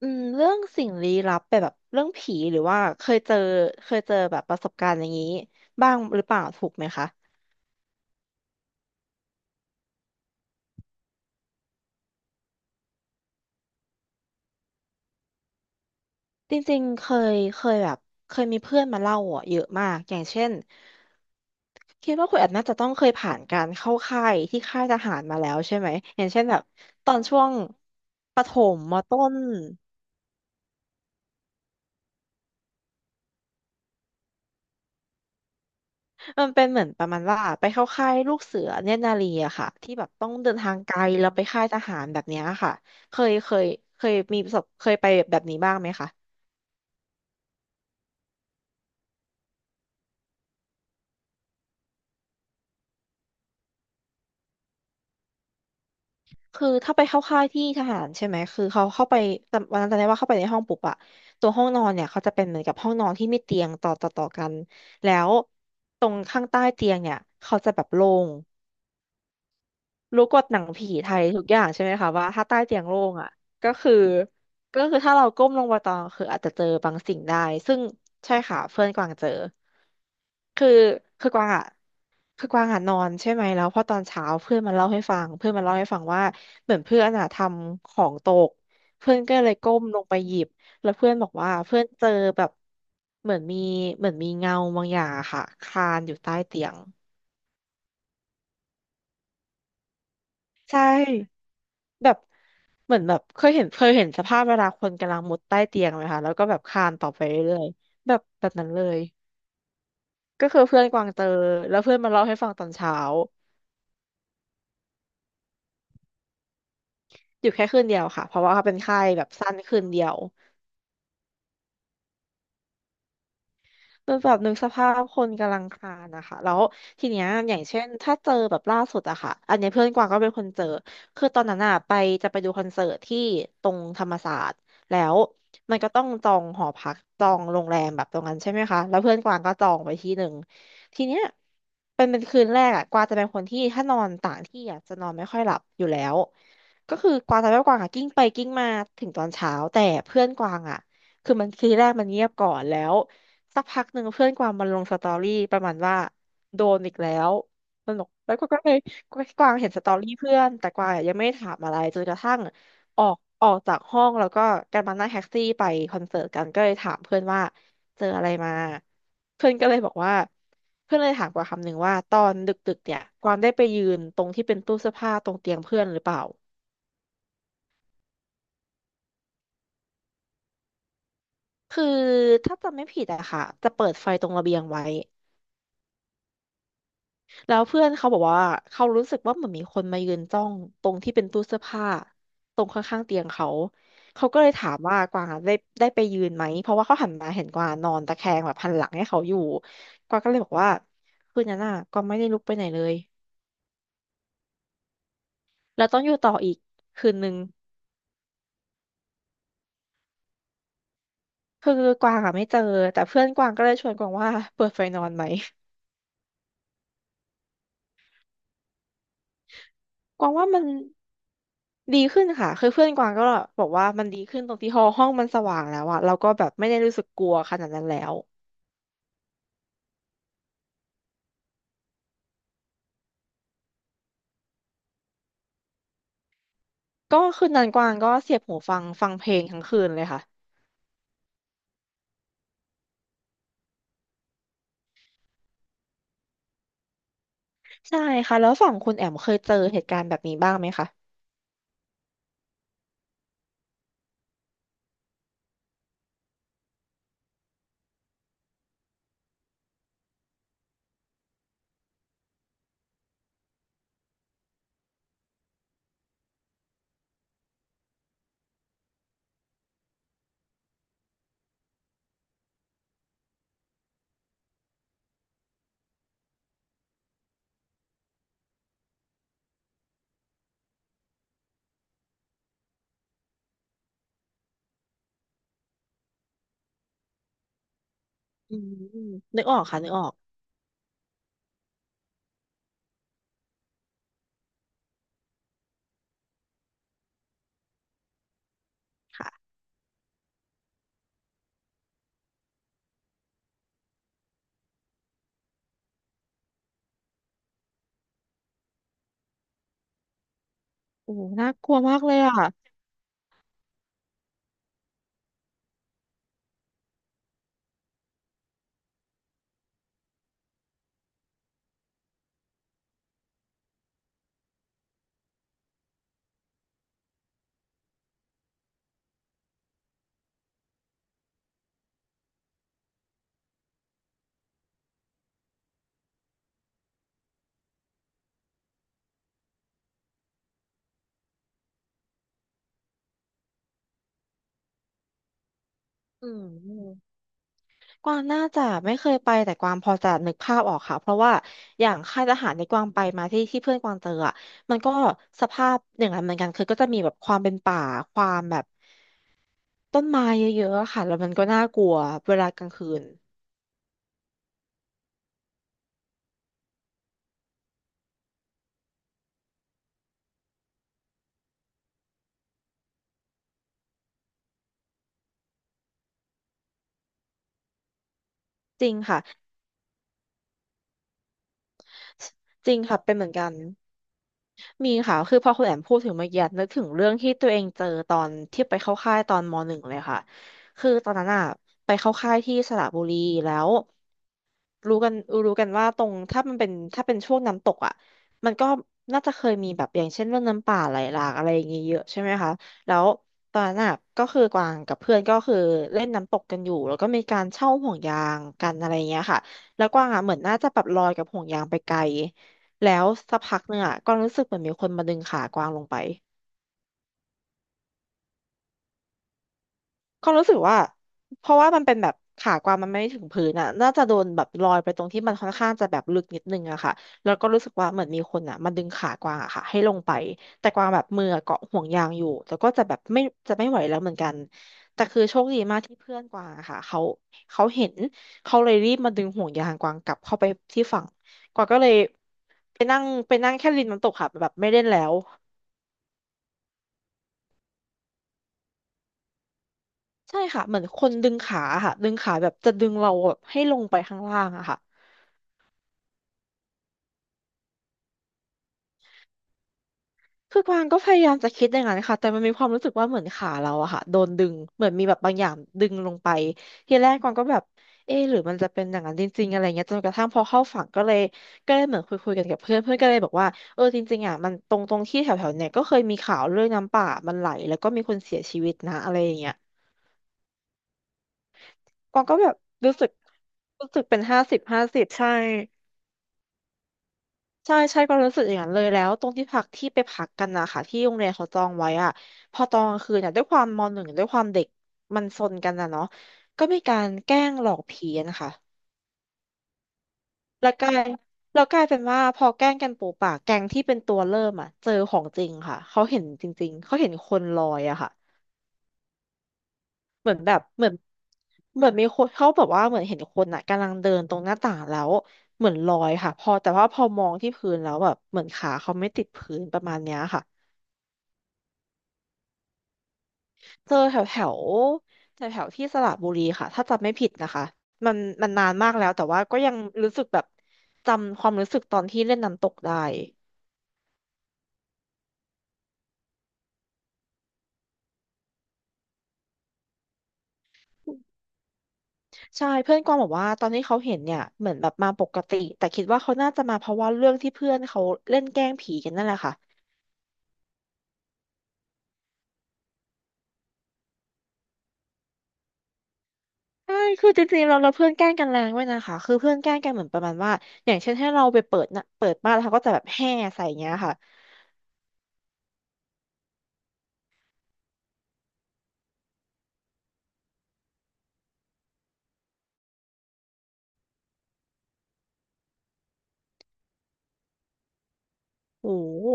อืมเรื่องสิ่งลี้ลับแบบเรื่องผีหรือว่าเคยเจอแบบประสบการณ์อย่างนี้บ้างหรือเปล่าถูกไหมคะจริงๆเคยแบบเคยมีเพื่อนมาเล่าอ่ะเยอะมากอย่างเช่นคิดว่าคุณแอดน่าจะต้องเคยผ่านการเข้าค่ายที่ค่ายทหารมาแล้วใช่ไหมอย่างเช่นแบบตอนช่วงประถมมต้น มันเป็นเหมือนประมาณว่าไปเข้าค่ายลูกเสือเนตรนารีอะค่ะที่แบบต้องเดินทางไกลแล้วไปค่ายทหารแบบเนี้ยค่ะเคยเคยเคยมีประสบเคยไปแบบนี้บ้างไหมคะคือถ้าไปเข้าค่ายที่ทหารใช่ไหมคือเขาเข้าไปจำวันนั้นจำได้ว่าเข้าไปในห้องปุ๊บอะตัวห้องนอนเนี่ยเขาจะเป็นเหมือนกับห้องนอนที่มีเตียงต่อกันแล้วตรงข้างใต้เตียงเนี่ยเขาจะแบบโล่ง รู้กฎหนังผีไทยทุกอย่างใช่ไหมคะว่าถ้าใต้เตียงโล่งอ่ะก็คือก็คือถ้าเราก้มลงไปตอนคืออาจจะเจอบางสิ่งได้ซึ่งใช่ค่ะเพื่อนกวางเจอคือคือกวางอ่ะคือกวางอ่ะนอนใช่ไหมแล้วพอตอนเช้าเพื่อนมาเล่าให้ฟังเพื่อนมาเล่าให้ฟังว่าเหมือนเพื่อนอ่ะทำของตกเพื่อนก็เลยก้มลงไปหยิบแล้วเพื่อนบอกว่าเพื่อนเจอแบบเหมือนมีเหมือนมีเงาบางอย่างอะค่ะคลานอยู่ใต้เตียงใช่แบบ เหมือนแบบเคยเห็นสภาพเวลาคนกำลังมุดใต้เตียงไหมคะแล้วก็แบบคลานต่อไปเรื่อยๆแบบนั้นเลยก็คือเพื่อนกวางเจอแล้วเพื่อนมาเล่าให้ฟังตอนเช้าอยู่แค่คืนเดียวค่ะเพราะว่าเขาเป็นไข้แบบสั้นคืนเดียว คืนแบบนึกสภาพคนกำลังคลานนะคะแล้วทีเนี้ยอย่างเช่นถ้าเจอแบบล่าสุดอะค่ะอันเนี้ยเพื่อนกวางก็เป็นคนเจอคือตอนนั้นอะไปจะไปดูคอนเสิร์ตที่ตรงธรรมศาสตร์แล้วมันก็ต้องจองหอพักจองโรงแรมแบบตรงนั้นใช่ไหมคะแล้วเพื่อนกวางก็จองไปที่หนึ่งทีเนี้ยเป็นคืนแรกอะกวางจะเป็นคนที่ถ้านอนต่างที่อะจะนอนไม่ค่อยหลับอยู่แล้วก็คือกวางจะไม่กวางอะกิ้งไปกิ้งมาถึงตอนเช้าแต่เพื่อนกวางอะคือมันคืนแรกมันเงียบก่อนแล้ว สักพักหนึ่งเพื่อนกวางมันลงสตอรี่ประมาณว่าโดนอีกแล้วมันบอกแล้วก็ก็เลยกวางเห็นสตอรี่เพื่อนแต่กวางอะยังไม่ได้ถามอะไรจนกระทั่งออกจากห้องแล้วก็กันมานั่งแท็กซี่ไปคอนเสิร์ตกันก็เลยถามเพื่อนว่าเจออะไรมาเพื่อนก็เลยบอกว่าเพื่อนเลยถามกวางคำหนึ่งว่าตอนดึกๆเนี่ยกวางได้ไปยืนตรงที่เป็นตู้เสื้อผ้าตรงเตียงเพื่อนหรือเปล่าคือถ้าจำไม่ผิดอะค่ะจะเปิดไฟตรงระเบียงไว้ แล้วเพื่อนเขาบอกว่าเขารู้สึกว่าเหมือนมีคนมายืนจ้องตรงที่เป็นตู้เสื้อผ้าตรงข้างๆเตียงเขาเขาก็เลยถามว่ากวางอะได้ไปยืนไหมเพราะว่าเขาหันมาเห็นกวางนอนตะแคงแบบหันหลังให้เขาอยู่กวางก็เลยบอกว่าคืนนั้นน่ะกวางไม่ได้ลุกไปไหนเลยแล้วต้องอยู่ต่ออีกคืนนึงคือกวางอ่ะไม่เจอแต่เพื่อนกวางก็เลยชวนกวางว่าเปิดไฟนอนไหมกวางว่ามันดีขึ้นค่ะคือเพื่อนกวางก็บอกว่ามันดีขึ้นตรงที่ห้องมันสว่างแล้วอะเราก็แบบไม่ได้รู้สึกกลัวขนาดนั้นแล้ว ก็คืนนั้นกวางก็เสียบหูฟังฟังเพลงทั้งคืนเลยค่ะใช่ค่ะแล้วฝั่งคุณแอมเคยเจอเหตุการณ์แบบนี้บ้างไหมคะอืมนึกออกค่ะโอ้น่ากลัวมากเลยอ่ะอืมกวางน่าจะไม่เคยไปแต่กวางพอจะนึกภาพออกค่ะเพราะว่าอย่างค่ายทหารในกวางไปมาที่เพื่อนกวางเจออ่ะมันก็สภาพอย่างนั้นเหมือนกันคือก็จะมีแบบความเป็นป่าความแบบต้นไม้เยอะๆอะค่ะแล้วมันก็น่ากลัวเวลากลางคืนจริงค่ะจริงค่ะเป็นเหมือนกัน มีค่ะคือพอคุณแอมพูดถึงเมื่อกี้นึกถึงเรื่องที่ตัวเองเจอตอนที่ไปเข้าค่ายตอนมหนึ่งเลยค่ะ คือตอนนั้นอะไปเข้าค่ายที่สระบุรีแล้ว รู้กันรู้กันว่าตรงถ้ามันเป็นถ้าเป็นช่วงน้ำตกอ่ะมันก็น่าจะเคยมีแบบอย่างเช่นเรื่องน้ำป่าไหลหลากอะไรอย่างเงี้ยเยอะใช่ไหมคะแล้วตอนนั้นอะก็คือกวางกับเพื่อนก็คือเล่นน้ำตกกันอยู่แล้วก็มีการเช่าห่วงยางกันอะไรเงี้ยค่ะแล้วกวางอ่ะเหมือนน่าจะแบบลอยกับห่วงยางไปไกลแล้วสักพักหนึ่งอ่ะกวางรู้สึกเหมือนมีคนมาดึงขากวางลงไป ความรู้สึกว่าเพราะว่ามันเป็นแบบขากวางมันไม่ถึงพื้นอ่ะน่าจะโดนแบบลอยไปตรงที่มันค่อนข้างจะแบบลึกนิดนึงอะค่ะแล้วก็รู้สึกว่าเหมือนมีคนอ่ะมาดึงขากวางอะค่ะให้ลงไปแต่กวางแบบมืออะเกาะห่วงยางอยู่แต่ก็จะแบบไม่จะไม่ไหวแล้วเหมือนกันที่เพื่อนกวางอะค่ะเขาเขาเห็นเขาเลยรีบมาดึงห่วงยางกวางกลับเข้าไปที่ฝั่งกวางก็เลยไปนั่งแค่ริมน้ำตกค่ะแบบไม่เล่นแล้วใช่ค่ะเหมือนคนดึงขาค่ะดึงขาแบบจะดึงเราแบบให้ลงไปข้างล่างอะค่ะ คือกวางก็พยายามจะคิดอย่างนั้นค่ะแต่มันมีความรู้สึกว่าเหมือนขาเราอะค่ะโดนดึงเหมือนมีแบบบางอย่างดึงลงไปทีแรกกวางก็แบบเอ๊ะหรือมันจะเป็นอย่างนั้นจริงๆอะไรเงี้ยจนกระทั่งพอเข้าฝั่งก็เลยเหมือนคุยกันกับเพื่อนเพื่อนก็เลยบอกว่าเออจริงๆอะมันตรงที่แถวๆเนี่ยก็เคยมีข่าวเรื่องน้ำป่ามันไหลแล้วก็มีคนเสียชีวิตนะอะไรอย่างเงี้ยกวางก็แบบรู้สึกรู้สึกเป็น50/50ใช่ ใช่ใช่ก็รู้สึกอย่างนั้นเลยแล้วตรงที่พักที่ไปพักกันนะคะที่โรงเรียนเขาจองไว้อะพอตอนกลางคืนเนี่ยด้วยความม.1ด้วยความเด็กมันซนกันนะเนาะก็มีการแกล้งหลอกผีอะนะคะแล้วกลายแล้วกลายเป็นว่าพอแกล้งกันปูป่าแก๊งที่เป็นตัวเริ่มอ่ะเจอของจริงค่ะเขาเห็นจริงๆเขาเห็นคนลอยอะค่ะเหมือนแบบเหมือนเหมือนมีคนเขาแบบว่าเหมือนเห็นคนอ่ะกำลังเดินตรงหน้าต่างแล้วเหมือนลอยค่ะพอแต่ว่าพอมองที่พื้นแล้วแบบเหมือนขาเขาไม่ติดพื้นประมาณเนี้ยค่ะ เจอแถวแถวที่สระบุรีค่ะถ้าจำไม่ผิดนะคะมันมันนานมากแล้วแต่ว่าก็ยังรู้สึกแบบจำความรู้สึกตอนที่เล่นน้ำตกได้ใช่เพื่อนกวางบอกว่าตอนที่เขาเห็นเนี่ยเหมือนแบบมาปกติแต่คิดว่าเขาน่าจะมาเพราะว่าเรื่องที่เพื่อนเขาเล่นแกล้งผีกันนั่นแหละค่ะใช่คือจริงๆเราเราเพื่อนแกล้งกันแรงด้วยนะคะคือเพื่อนแกล้งกันเหมือนประมาณว่าอย่างเช่นให้เราไปเปิดนะเปิดบ้านแล้วเขาก็จะแบบแห่ใส่อย่างเงี้ยค่ะโอ้โห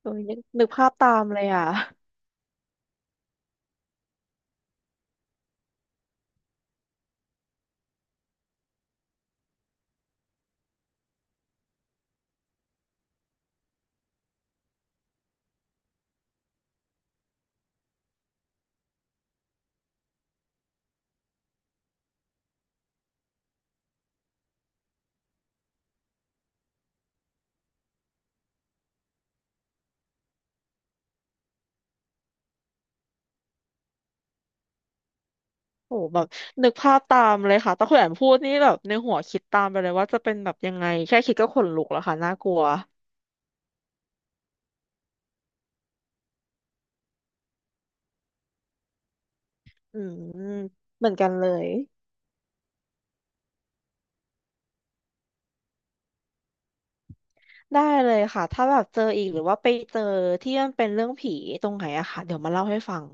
เออนึกภาพตามเลยอ่ะ โหแบบนึกภาพตามเลยค่ะตต่คุณแอมพูดนี่แบบในหัวคิดตามไปเลยว่าจะเป็นแบบยังไงแค่คิดก็ขนลุกแล้วค่ะน่ากลัวอืมเหมือนกันเลยได้เลยค่ะถ้าแบบเจออีกหรือว่าไปเจอที่มันเป็นเรื่องผีตรงไหนอะค่ะเดี๋ยวมาเล่าให้ฟัง